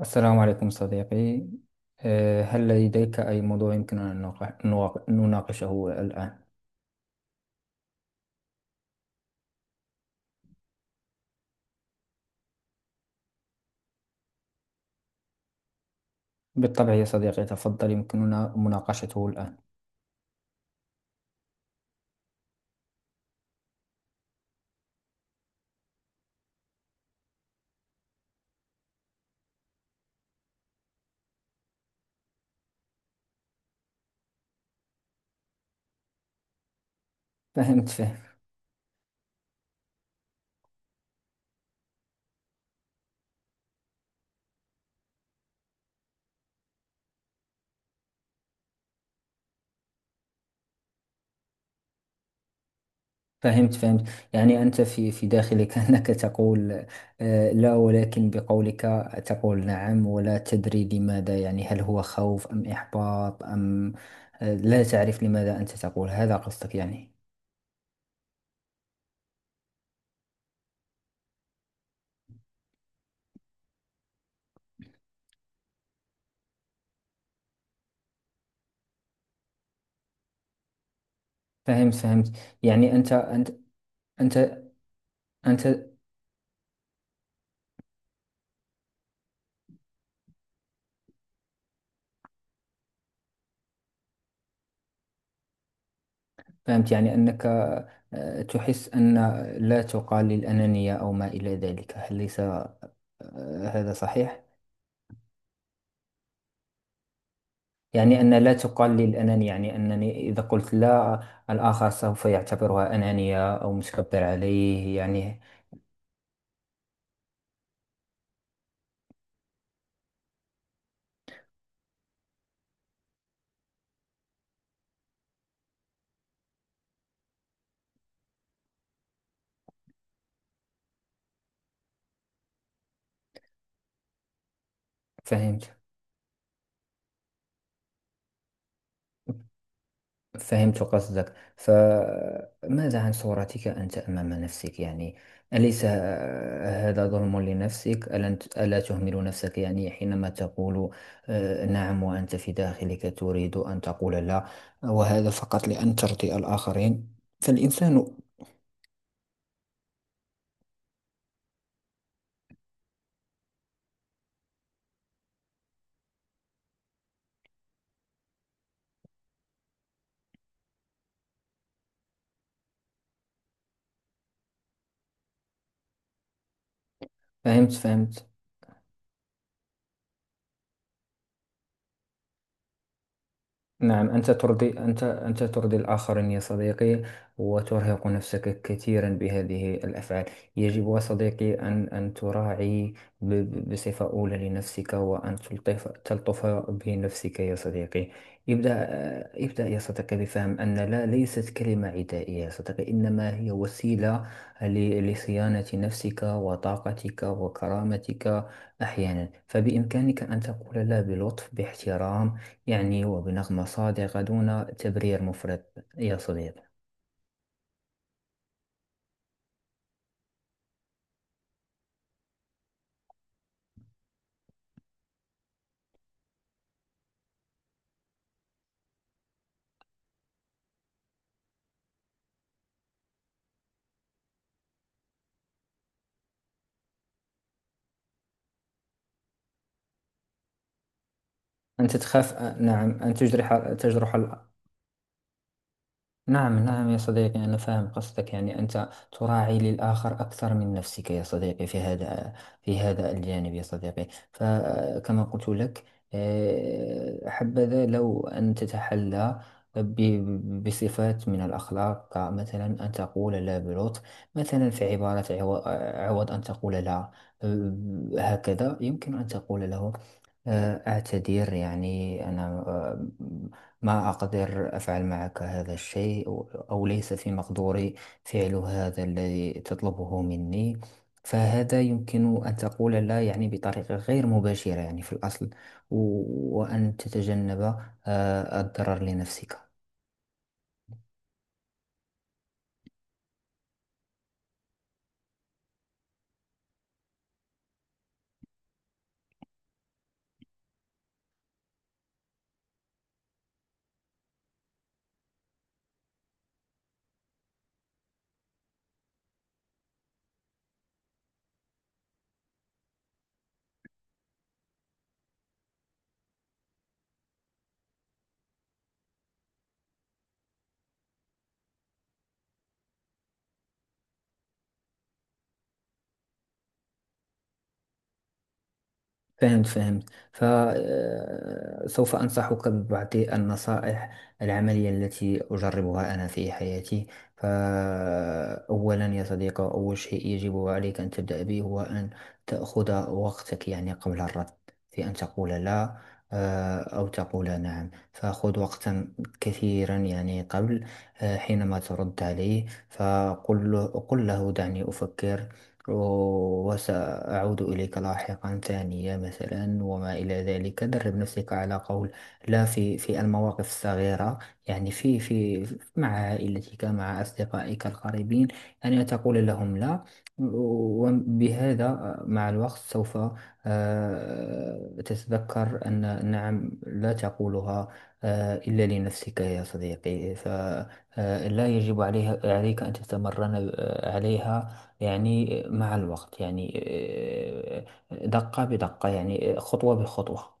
السلام عليكم صديقي. هل لديك أي موضوع يمكننا أن نناقشه الآن؟ بالطبع يا صديقي، تفضل، يمكننا مناقشته الآن. فهمت فهم- فهمت فهمت يعني أنت في داخلك أنك تقول، لا، ولكن بقولك تقول نعم ولا تدري لماذا. يعني هل هو خوف أم إحباط أم لا تعرف لماذا أنت تقول هذا، قصدك يعني. فهمت. يعني أنت أنت فهمت. يعني أنك تحس أن لا تقال للأنانية أو ما إلى ذلك، هل ليس هذا صحيح؟ يعني أن لا تقال للأنانية، يعني أنني إذا قلت لا، الآخر سوف يعتبرها أنانية أو متكبر عليه يعني. فهمت فهمت قصدك. فماذا عن صورتك أنت أمام نفسك؟ يعني أليس هذا ظلم لنفسك؟ ألا تهمل نفسك يعني حينما تقول نعم، وأنت في داخلك تريد أن تقول لا، وهذا فقط لأن ترضي الآخرين. فالإنسان فهمت. نعم، أنت ترضي الآخرين يا صديقي، وترهق نفسك كثيرا بهذه الأفعال. يجب يا صديقي أن تراعي بصفة أولى لنفسك، وأن تلطف بنفسك يا صديقي. ابدأ يا صديقي بفهم أن لا ليست كلمة عدائية يا صديقي، إنما هي وسيلة لصيانة نفسك وطاقتك وكرامتك. أحيانا فبإمكانك أن تقول لا بلطف، باحترام يعني، وبنغمة صادقة دون تبرير مفرط يا صديقي. أنت تخاف، نعم، أن تجرح. نعم نعم يا صديقي، أنا فاهم قصدك. يعني أنت تراعي للآخر أكثر من نفسك يا صديقي في هذا الجانب يا صديقي. فكما قلت لك، حبذا لو أن تتحلى بصفات من الأخلاق، كمثلا أن تقول لا بلطف. مثلا في عبارة، عوض أن تقول لا، آه، هكذا يمكن أن تقول له أعتذر، يعني أنا، ما أقدر أفعل معك هذا الشيء، أو ليس في مقدوري فعل هذا الذي تطلبه مني. فهذا يمكن أن تقول لا يعني بطريقة غير مباشرة، يعني في الأصل، وأن تتجنب الضرر لنفسك. فهمت. فسوف أنصحك ببعض النصائح العملية التي أجربها أنا في حياتي. فأولا يا صديقي، أول شيء يجب عليك أن تبدأ به هو أن تأخذ وقتك، يعني قبل الرد في أن تقول لا أو تقول نعم. فخذ وقتا كثيرا يعني قبل، حينما ترد عليه، فقل له دعني أفكر وسأرد، وأعود إليك لاحقا ثانية مثلا، وما إلى ذلك. درب نفسك على قول لا في المواقف الصغيرة، يعني في في مع عائلتك، مع أصدقائك القريبين، يعني تقول لهم لا. وبهذا مع الوقت سوف تتذكر أن نعم لا تقولها إلا لنفسك يا صديقي. فلا يجب عليها عليك أن تتمرن عليها، يعني مع الوقت، يعني دقة بدقة، يعني خطوة بخطوة.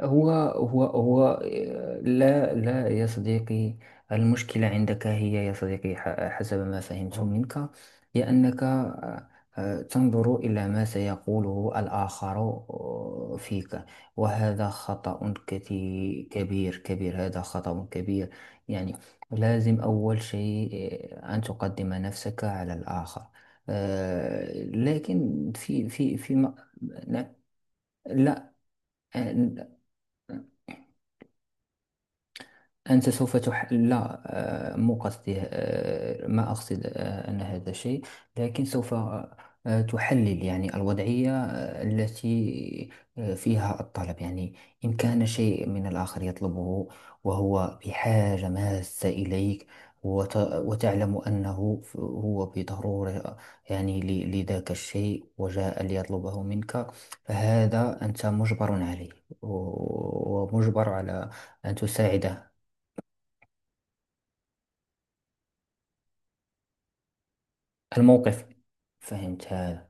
هو لا لا يا صديقي، المشكلة عندك هي يا صديقي، حسب ما فهمت منك، هي أنك تنظر إلى ما سيقوله الآخر فيك، وهذا خطأ كبير. هذا خطأ كبير. يعني لازم أول شيء أن تقدم نفسك على الآخر، لكن لا لا، آه، أنت سوف لا، مو قصدي، ما أقصد أن هذا شيء. لكن سوف تحلل يعني الوضعية، التي فيها الطلب، يعني إن كان شيء من الآخر يطلبه وهو بحاجة ماسة إليك، وتعلم أنه هو بضرورة، يعني لذاك الشيء، وجاء ليطلبه منك، فهذا أنت مجبر عليه، ومجبر على أن تساعده. الموقف فهمت هذا.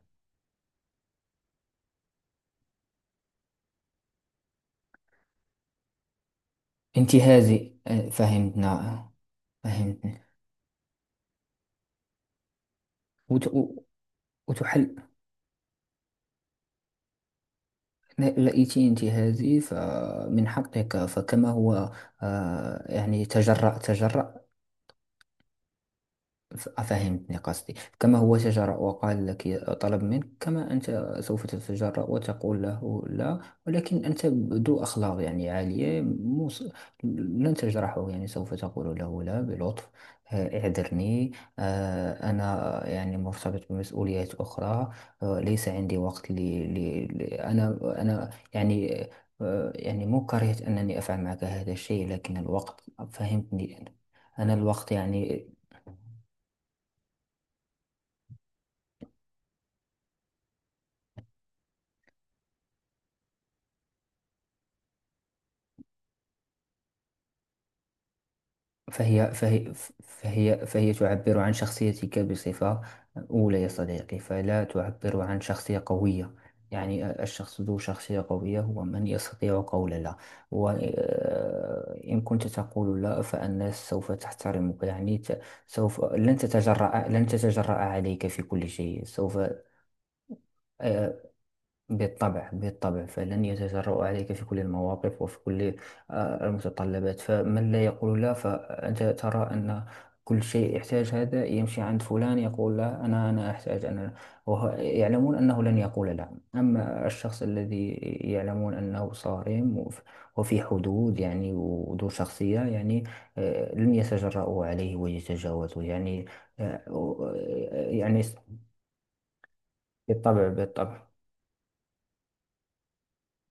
انتهازي، فهمت، نعم. فهمتني. وت... و- وتحل. لقيت انتهازي فمن حقك، فكما هو يعني تجرأ. فهمتني قصدي، كما هو تجرأ وقال لك، طلب منك، كما أنت سوف تتجرأ وتقول له لا. ولكن أنت ذو أخلاق يعني عالية، مو لن تجرحه، يعني سوف تقول له لا بلطف، اعذرني، أنا يعني مرتبط بمسؤوليات أخرى، ليس عندي وقت لي، أنا يعني، يعني مو كرهت أنني أفعل معك هذا الشيء، لكن الوقت. فهمتني أنا، أنا الوقت يعني. فهي فهي فهي تعبر عن شخصيتك بصفة أولى يا صديقي، فلا تعبر عن شخصية قوية. يعني الشخص ذو شخصية قوية هو من يستطيع قول لا، وإن كنت تقول لا فالناس سوف تحترمك. يعني سوف لن تتجرأ عليك في كل شيء. سوف آه، بالطبع بالطبع، فلن يتجرؤ عليك في كل المواقف وفي كل المتطلبات. فمن لا يقول لا فأنت ترى أن كل شيء يحتاج، هذا يمشي عند فلان يقول لا، أنا أحتاج أنا، وهو يعلمون أنه لن يقول لا. أما الشخص الذي يعلمون أنه صارم وفي حدود، يعني وذو شخصية، يعني لن يتجرؤوا عليه ويتجاوزوا، يعني يعني. بالطبع بالطبع.